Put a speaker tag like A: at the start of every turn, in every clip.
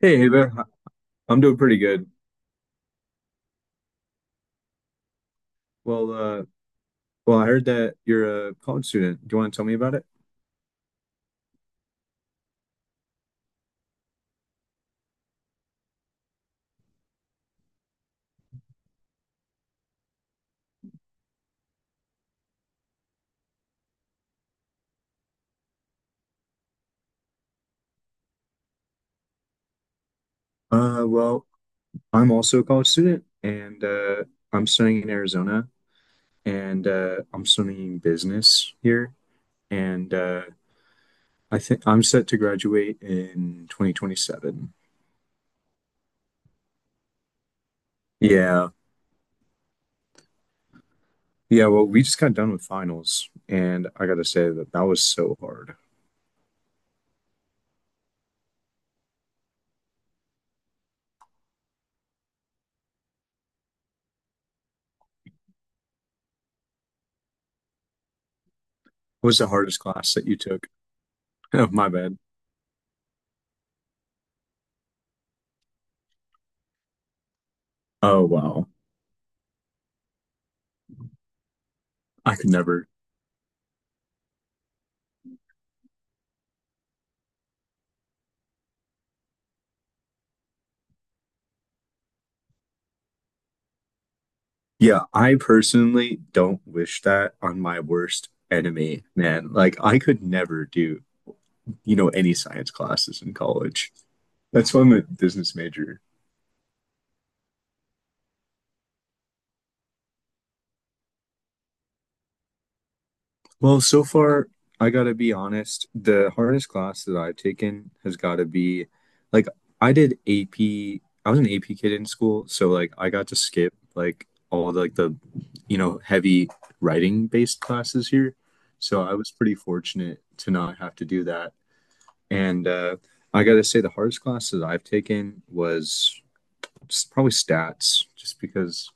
A: Hey, Ava, I'm doing pretty good. Well, uh, well, I heard that you're a college student. Do you want to tell me about it? Well, I'm also a college student, and I'm studying in Arizona, and I'm studying business here, and I think I'm set to graduate in 2027. Yeah, yeah. Well, we just got done with finals, and I gotta say that that was so hard. What was the hardest class that you took? Oh, my bad. Oh, wow. I could never. Yeah, I personally don't wish that on my worst enemy, man. Like, I could never do, you know, any science classes in college. That's why I'm a business major. Well, so far, I gotta be honest, the hardest class that I've taken has gotta be like I did AP. I was an AP kid in school, so like I got to skip like all the, like the you know heavy writing based classes here. So I was pretty fortunate to not have to do that. And I got to say, the hardest classes I've taken was probably stats, just because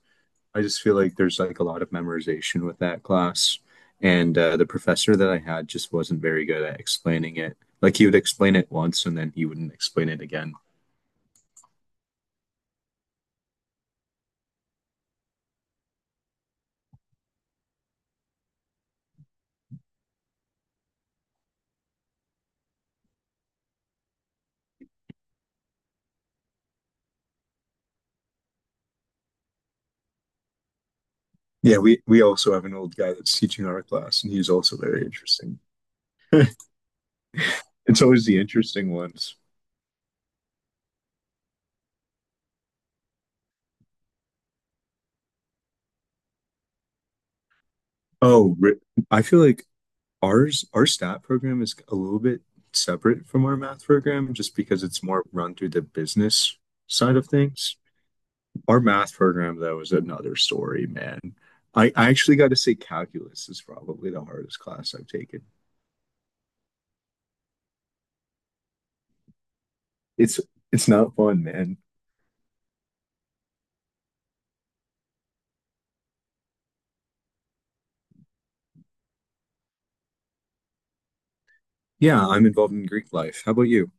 A: I just feel like there's like a lot of memorization with that class. And the professor that I had just wasn't very good at explaining it. Like he would explain it once and then he wouldn't explain it again. Yeah, we also have an old guy that's teaching our class, and he's also very interesting. It's always the interesting ones. Oh, re- I feel like our stat program is a little bit separate from our math program just because it's more run through the business side of things. Our math program though is another story, man. I actually got to say calculus is probably the hardest class I've taken. It's it's not fun, man. Yeah, I'm involved in Greek life. How about you?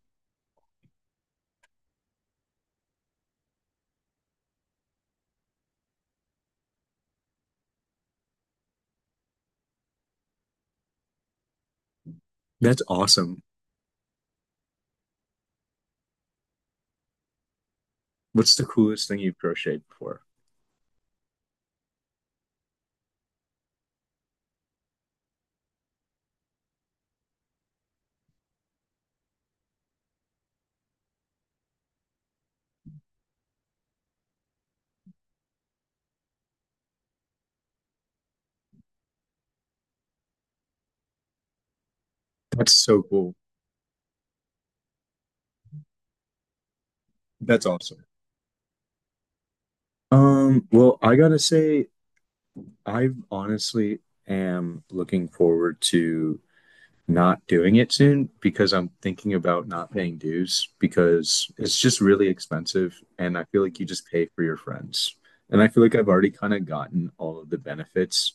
A: That's awesome. What's the coolest thing you've crocheted before? That's so cool. That's awesome. Well, I gotta say, I honestly am looking forward to not doing it soon because I'm thinking about not paying dues because it's just really expensive and I feel like you just pay for your friends. And I feel like I've already kind of gotten all of the benefits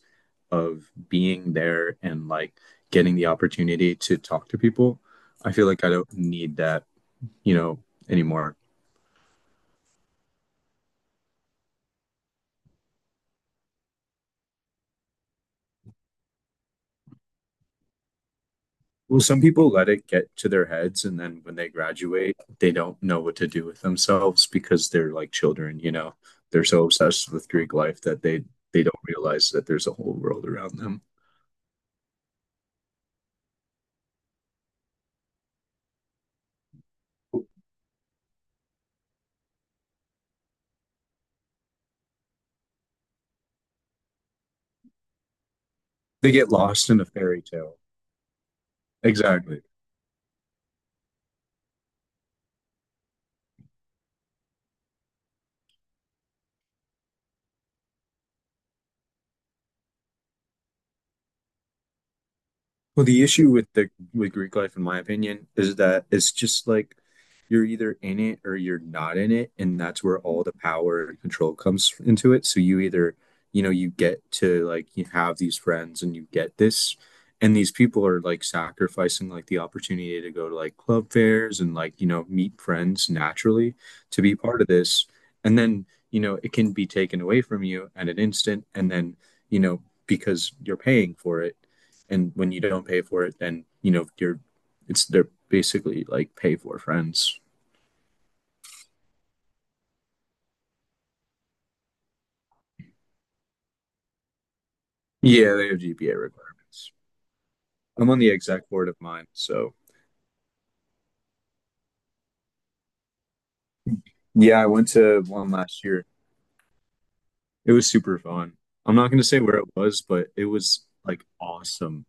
A: of being there and like getting the opportunity to talk to people. I feel like I don't need that, you know, anymore. Well, some people let it get to their heads, and then when they graduate, they don't know what to do with themselves because they're like children, you know. They're so obsessed with Greek life that they don't realize that there's a whole world around them. They get lost in a fairy tale. Exactly. Well, the issue with the with Greek life, in my opinion, is that it's just like you're either in it or you're not in it, and that's where all the power and control comes into it. So you either, you know, you get to like you have these friends and you get this, and these people are like sacrificing like the opportunity to go to like club fairs and like, you know, meet friends naturally to be part of this. And then, you know, it can be taken away from you at an instant, and then, you know, because you're paying for it and when you don't pay for it, then you know you're it's they're basically like pay for friends. Yeah, they have GPA requirements. I'm on the exec board of mine, so yeah, I went to one last year. It was super fun. I'm not going to say where it was, but it was like awesome.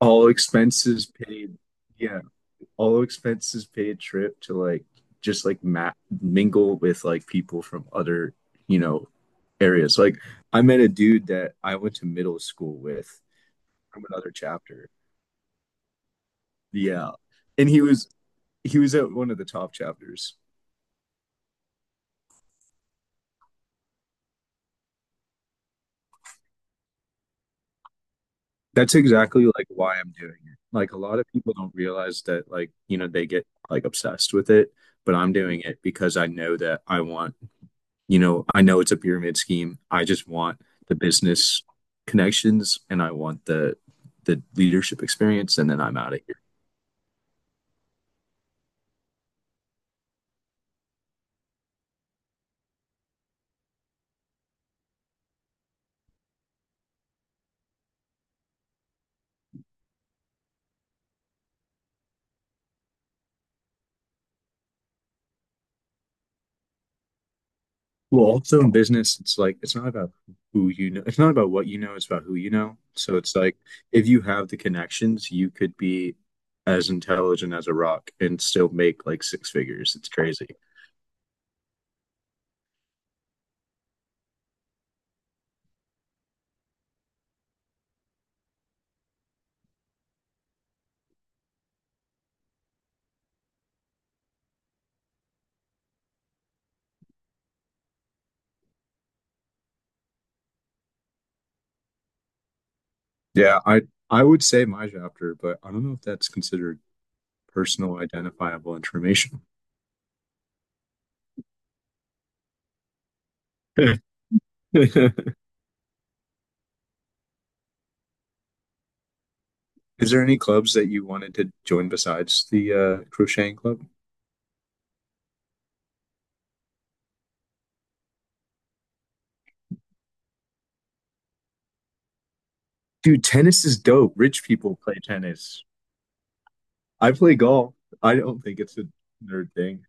A: All expenses paid. Yeah, all expenses paid trip to like just like mingle with like people from other, you know, areas. Like I met a dude that I went to middle school with from another chapter. Yeah. And he was at one of the top chapters. That's exactly like why I'm doing it. Like a lot of people don't realize that like, you know, they get like obsessed with it, but I'm doing it because I know that I want, you know, I know it's a pyramid scheme. I just want the business connections and I want the leadership experience and then I'm out of here. Well, also in business, it's like it's not about who you know. It's not about what you know. It's about who you know. So it's like if you have the connections, you could be as intelligent as a rock and still make like six figures. It's crazy. Yeah, I would say my chapter, but I don't know if that's considered personal identifiable information. Is there any clubs that you wanted to join besides the crocheting club? Dude, tennis is dope. Rich people play tennis. I play golf. I don't think it's a nerd thing.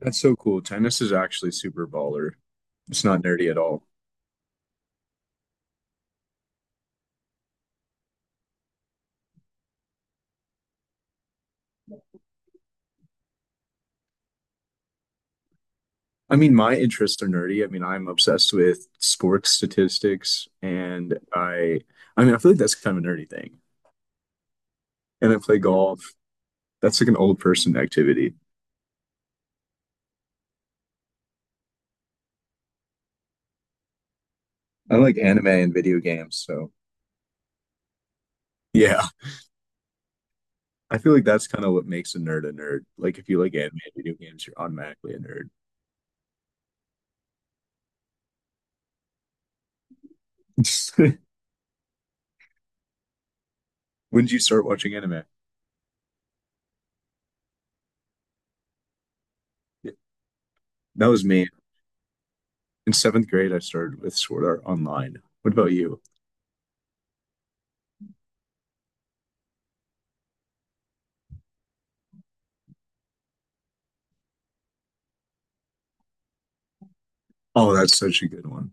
A: That's so cool. Tennis is actually super baller. It's not nerdy at all. I mean, my interests are nerdy. I mean, I'm obsessed with sports statistics and I mean, I feel like that's kind of a nerdy thing. And I play golf. That's like an old person activity. I like anime and video games, so yeah. I feel like that's kind of what makes a nerd a nerd. Like if you like anime and video games, you're automatically a nerd. When did you start watching anime? Yeah, that was me. In seventh grade, I started with Sword Art Online. What about you? Oh, that's such a good one.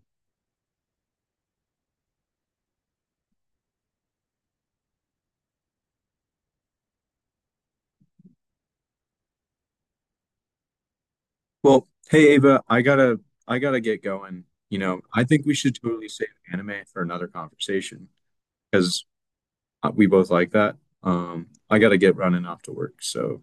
A: Well, hey Ava, I gotta get going. You know, I think we should totally save anime for another conversation because we both like that. I gotta get running off to work, so